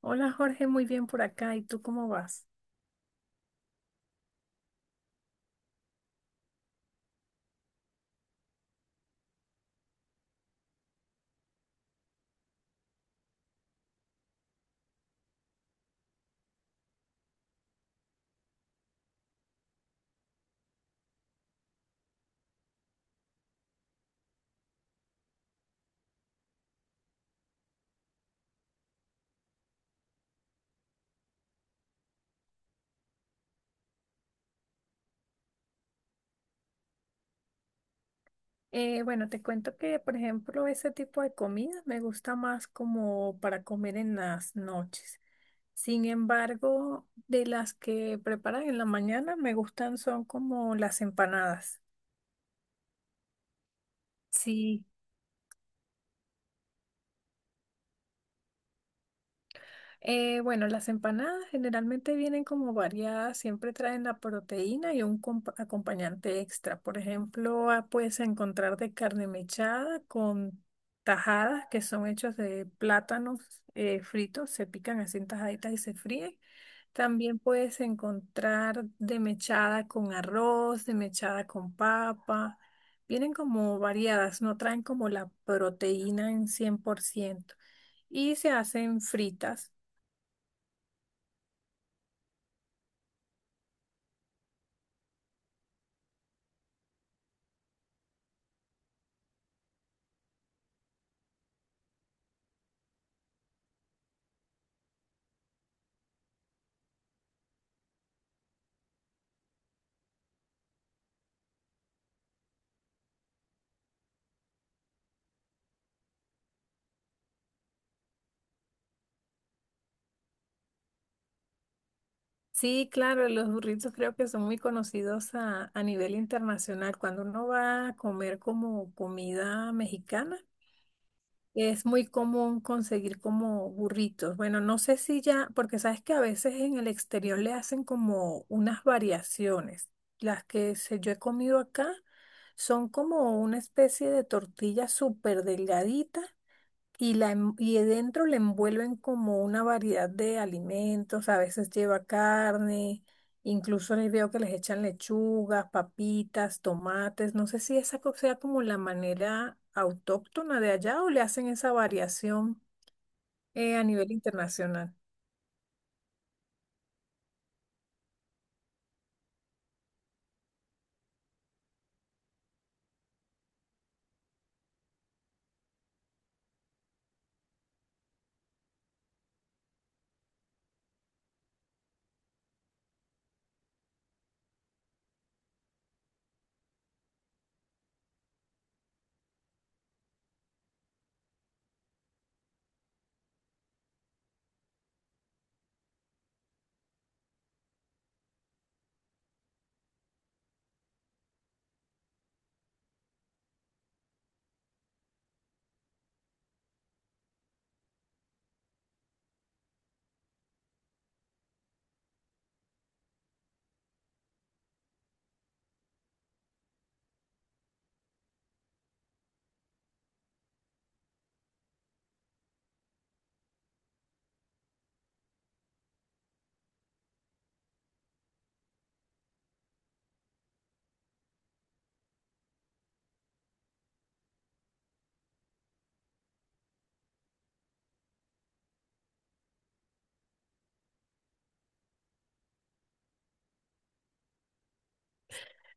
Hola Jorge, muy bien por acá. ¿Y tú cómo vas? Bueno, te cuento que, por ejemplo, ese tipo de comida me gusta más como para comer en las noches. Sin embargo, de las que preparan en la mañana me gustan son como las empanadas. Sí. Bueno, las empanadas generalmente vienen como variadas, siempre traen la proteína y un acompañante extra. Por ejemplo, ah, puedes encontrar de carne mechada con tajadas que son hechas de plátanos fritos, se pican así en tajaditas y se fríen. También puedes encontrar de mechada con arroz, de mechada con papa. Vienen como variadas, no traen como la proteína en 100% y se hacen fritas. Sí, claro, los burritos creo que son muy conocidos a nivel internacional. Cuando uno va a comer como comida mexicana, es muy común conseguir como burritos. Bueno, no sé si ya, porque sabes que a veces en el exterior le hacen como unas variaciones. Las que yo he comido acá son como una especie de tortilla súper delgadita y, la, y dentro le envuelven como una variedad de alimentos, a veces lleva carne, incluso les veo que les echan lechugas, papitas, tomates, no sé si esa sea como la manera autóctona de allá o le hacen esa variación a nivel internacional.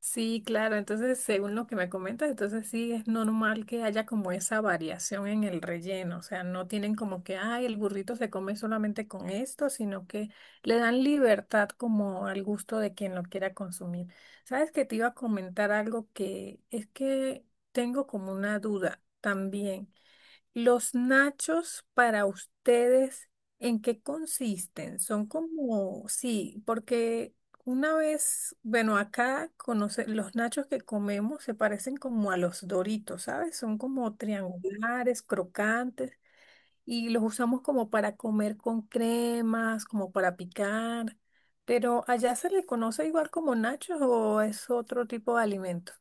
Sí, claro, entonces según lo que me comentas, entonces sí es normal que haya como esa variación en el relleno, o sea, no tienen como que, ay, el burrito se come solamente con esto, sino que le dan libertad como al gusto de quien lo quiera consumir. Sabes que te iba a comentar algo que es que tengo como una duda también. Los nachos para ustedes, ¿en qué consisten? Son como, sí, porque una vez, bueno, acá conoce, los nachos que comemos se parecen como a los Doritos, ¿sabes? Son como triangulares, crocantes, y los usamos como para comer con cremas, como para picar, pero allá se le conoce igual como nachos o es otro tipo de alimento.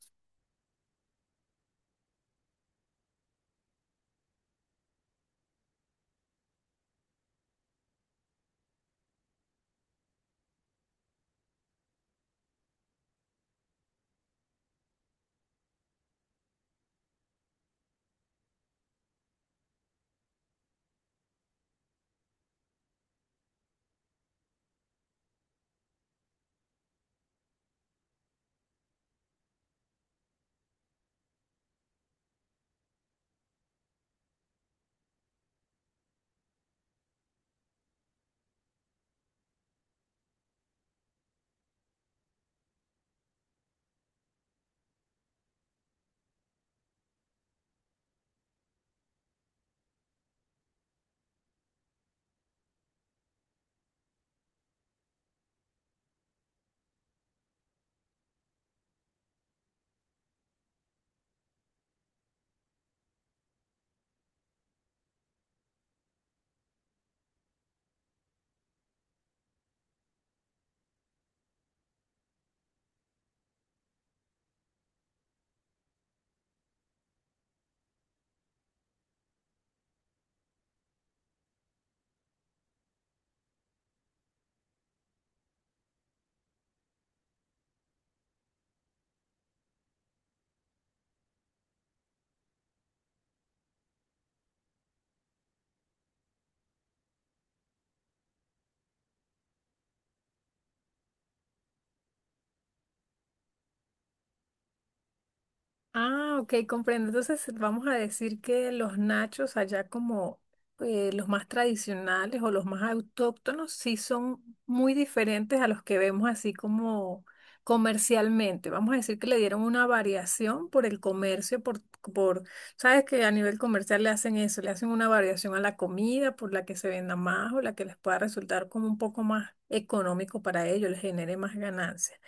Ah, ok, comprendo. Entonces vamos a decir que los nachos allá como los más tradicionales o los más autóctonos sí son muy diferentes a los que vemos así como comercialmente. Vamos a decir que le dieron una variación por el comercio, por, sabes que a nivel comercial le hacen eso, le hacen una variación a la comida por la que se venda más o la que les pueda resultar como un poco más económico para ellos, les genere más ganancias.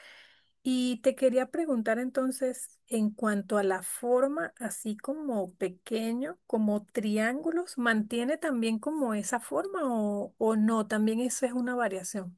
Y te quería preguntar entonces, en cuanto a la forma, así como pequeño, como triángulos, ¿mantiene también como esa forma o no? También eso es una variación.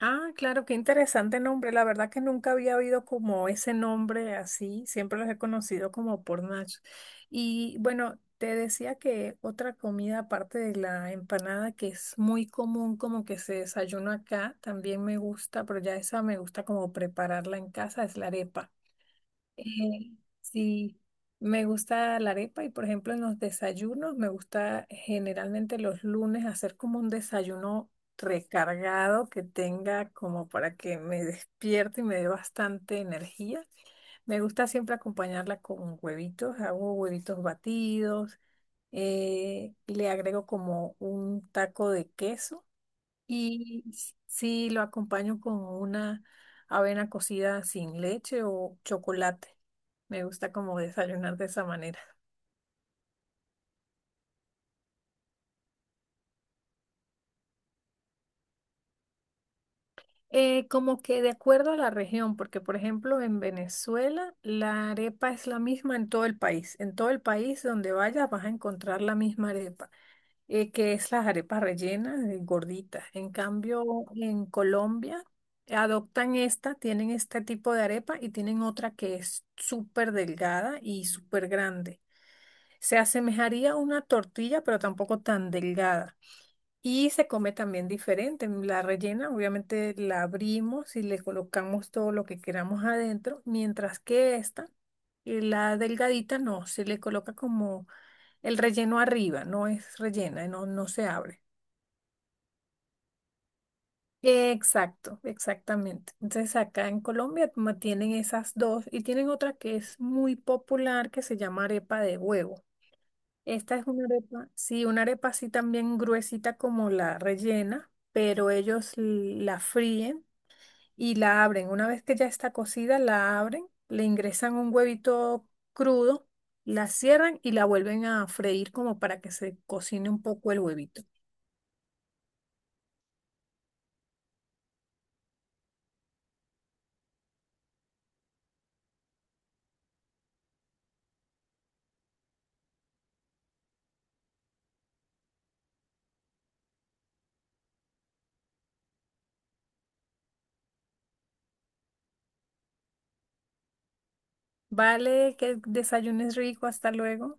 Ah, claro, qué interesante nombre. La verdad que nunca había oído como ese nombre así. Siempre los he conocido como por nachos. Y bueno, te decía que otra comida aparte de la empanada que es muy común como que se desayuna acá, también me gusta, pero ya esa me gusta como prepararla en casa, es la arepa. Eh, sí, me gusta la arepa y por ejemplo en los desayunos me gusta generalmente los lunes hacer como un desayuno recargado que tenga como para que me despierte y me dé bastante energía. Me gusta siempre acompañarla con huevitos, hago huevitos batidos, le agrego como un taco de queso y sí, lo acompaño con una avena cocida sin leche o chocolate. Me gusta como desayunar de esa manera. Como que de acuerdo a la región, porque por ejemplo en Venezuela la arepa es la misma en todo el país. En todo el país donde vayas vas a encontrar la misma arepa. Eh, que es las arepas rellenas, gorditas. En cambio, en Colombia adoptan esta, tienen este tipo de arepa y tienen otra que es súper delgada y súper grande. Se asemejaría a una tortilla, pero tampoco tan delgada. Y se come también diferente. La rellena, obviamente, la abrimos y le colocamos todo lo que queramos adentro, mientras que esta, la delgadita, no, se le coloca como el relleno arriba, no es rellena, no, no se abre. Exacto, exactamente. Entonces acá en Colombia como tienen esas dos y tienen otra que es muy popular que se llama arepa de huevo. Esta es una arepa, sí, una arepa así también gruesita como la rellena, pero ellos la fríen y la abren. Una vez que ya está cocida, la abren, le ingresan un huevito crudo, la cierran y la vuelven a freír como para que se cocine un poco el huevito. Vale, que desayunes rico, hasta luego.